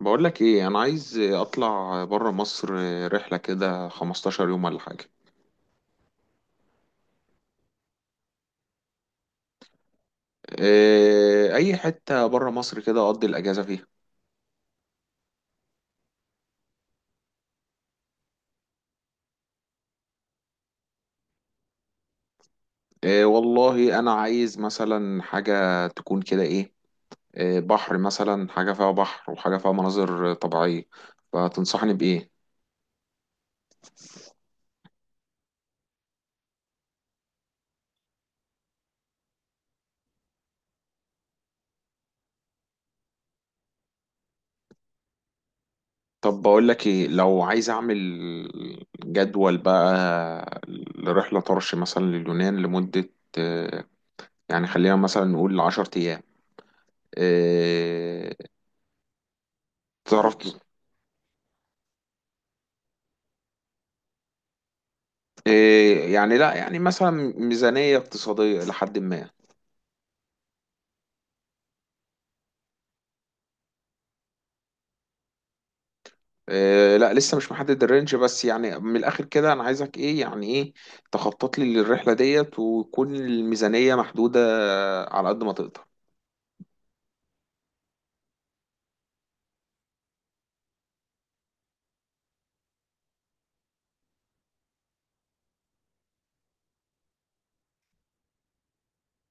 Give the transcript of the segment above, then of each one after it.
بقول لك ايه، انا عايز اطلع بره مصر. رحله كده 15 يوم ولا حاجه. إيه، اي حته بره مصر كده اقضي الاجازه فيها. إيه والله انا عايز مثلا حاجه تكون كده إيه بحر، مثلا حاجه فيها بحر وحاجه فيها مناظر طبيعيه. فتنصحني بايه؟ طب بقول لك ايه، لو عايز اعمل جدول بقى لرحله طرش مثلا لليونان لمده، آه، يعني خلينا مثلا نقول 10 ايام. آه، تعرف. إيه، يعني لا، يعني مثلا ميزانية اقتصادية لحد ما. إيه لا، لسه مش محدد الرينج، بس يعني من الآخر كده أنا عايزك إيه يعني، إيه، تخطط لي للرحلة ديت وتكون الميزانية محدودة على قد ما تقدر.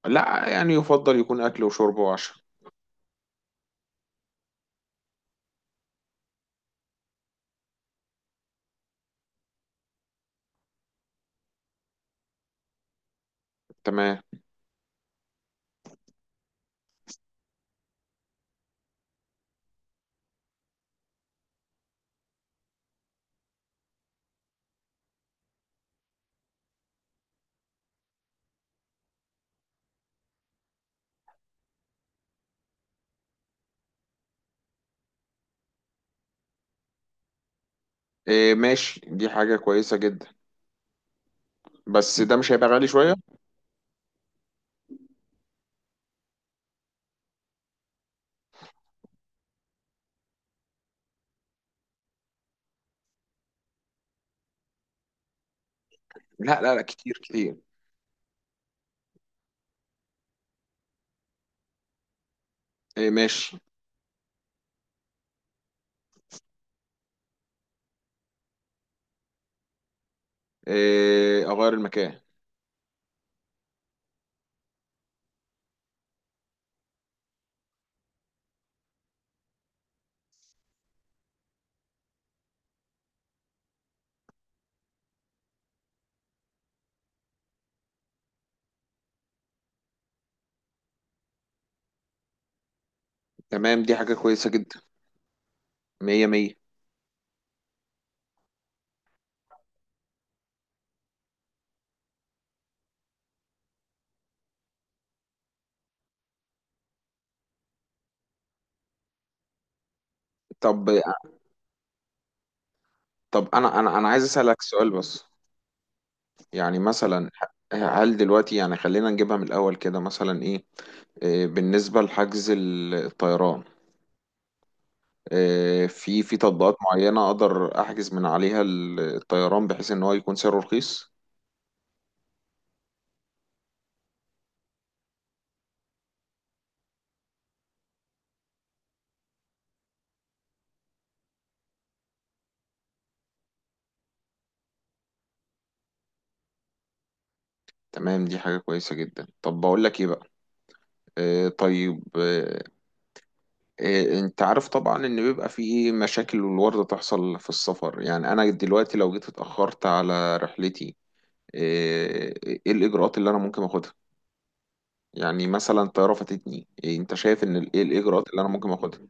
لا، يعني يفضل يكون أكل وشرب وعشاء. تمام. إيه ماشي، دي حاجة كويسة جدا، بس ده مش هيبقى غالي شوية؟ لا لا لا، كتير كتير. إيه ماشي. إيه، أغير المكان. تمام، دي حاجة كويسة جدا. مية مية. طب طب أنا عايز أسألك سؤال بس. يعني مثلا، هل دلوقتي، يعني خلينا نجيبها من الأول كده، مثلا إيه، بالنسبة لحجز الطيران، في تطبيقات معينة أقدر أحجز من عليها الطيران بحيث إن هو يكون سعره رخيص؟ تمام، دي حاجة كويسة جدا. طب بقول لك إيه بقى، طيب، أنت عارف طبعا إن بيبقى في إيه مشاكل والوردة تحصل في السفر. يعني أنا دلوقتي لو جيت اتأخرت على رحلتي، إيه الإجراءات اللي أنا ممكن أخدها؟ يعني مثلا طيارة فاتتني، إيه انت شايف ان ايه الاجراءات اللي انا ممكن اخدها؟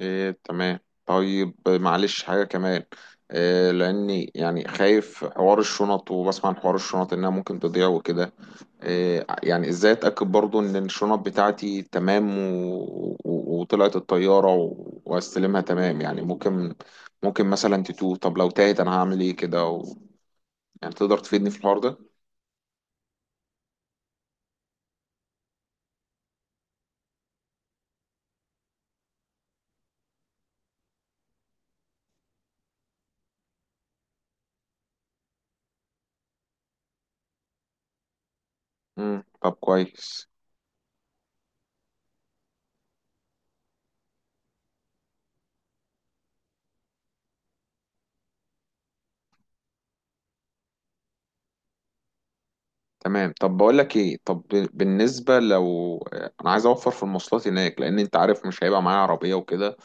إيه تمام. طيب معلش، حاجة كمان، إيه، لاني يعني خايف حوار الشنط، وبسمع عن حوار الشنط انها ممكن تضيع وكده. إيه، يعني ازاي اتأكد برضو ان الشنط بتاعتي تمام وطلعت الطيارة واستلمها تمام. يعني ممكن، ممكن مثلا تتوه. طب لو تاهت انا هعمل ايه كده يعني تقدر تفيدني في الحوار ده؟ مم. طب كويس. تمام. طب بقول لك ايه، طب بالنسبه لو انا عايز اوفر في المواصلات هناك، لان انت عارف مش هيبقى معايا عربيه وكده.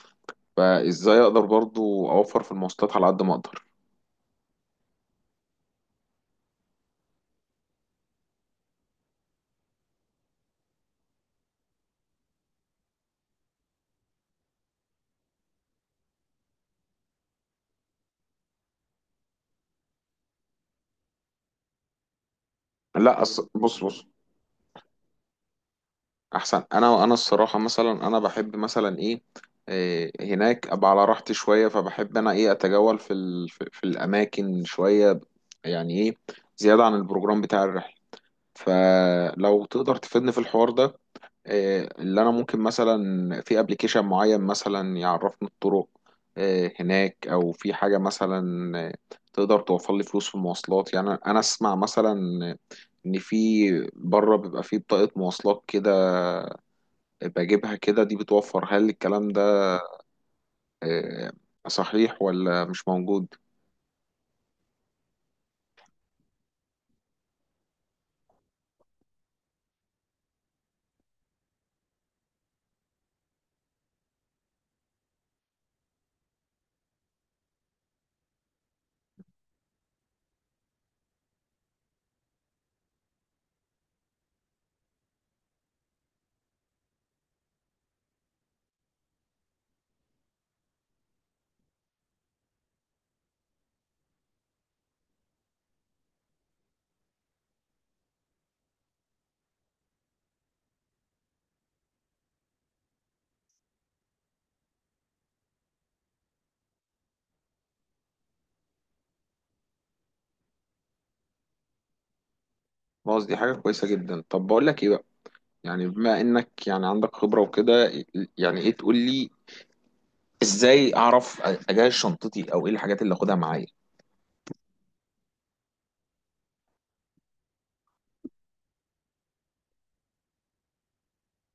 فازاي اقدر برضو اوفر في المواصلات على قد ما اقدر؟ لا أص... بص بص. احسن انا، انا الصراحه مثلا، انا بحب مثلا ايه، إيه، هناك ابقى على راحتي شويه، فبحب انا ايه، اتجول في ال... في في الاماكن شويه، يعني ايه، زياده عن البروجرام بتاع الرحله. فلو تقدر تفيدني في الحوار ده، اللي انا ممكن مثلا في ابلكيشن معين مثلا يعرفني الطرق هناك، او في حاجه مثلا تقدر توفر لي فلوس في المواصلات. يعني انا، أنا اسمع مثلا ان في بره بيبقى في بطاقه مواصلات كده، بجيبها كده دي بتوفر. هل الكلام ده صحيح، ولا مش موجود؟ خلاص، دي حاجه كويسه جدا. طب بقول لك ايه بقى، يعني بما انك يعني عندك خبره وكده، يعني ايه تقول لي ازاي اعرف اجهز شنطتي، او ايه الحاجات اللي اخدها معايا؟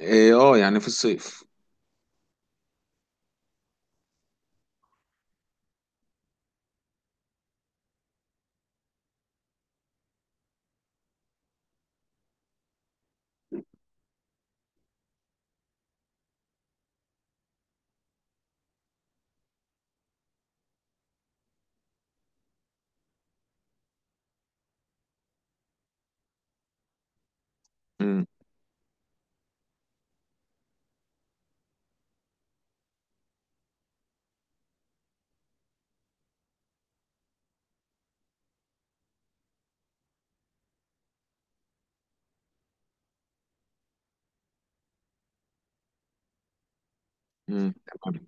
إيه، اه يعني في الصيف. امم. امم. تمام.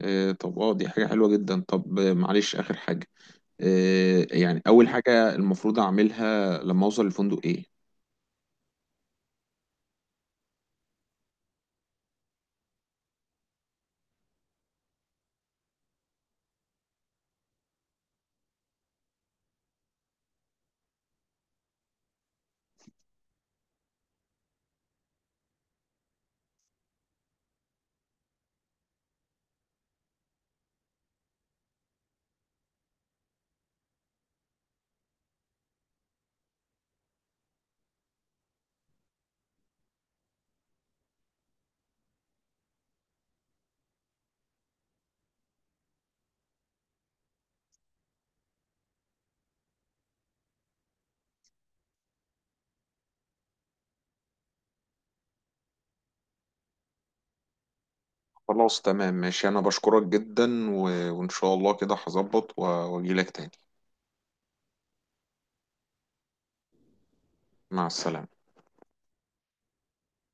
إيه، طب اه دي حاجة حلوة جدا. طب معلش، آخر حاجة، إيه، يعني أول حاجة المفروض أعملها لما أوصل الفندق إيه؟ خلاص تمام ماشي، أنا بشكرك جدا وإن شاء الله كده هظبط وأجيلك تاني. مع السلامة.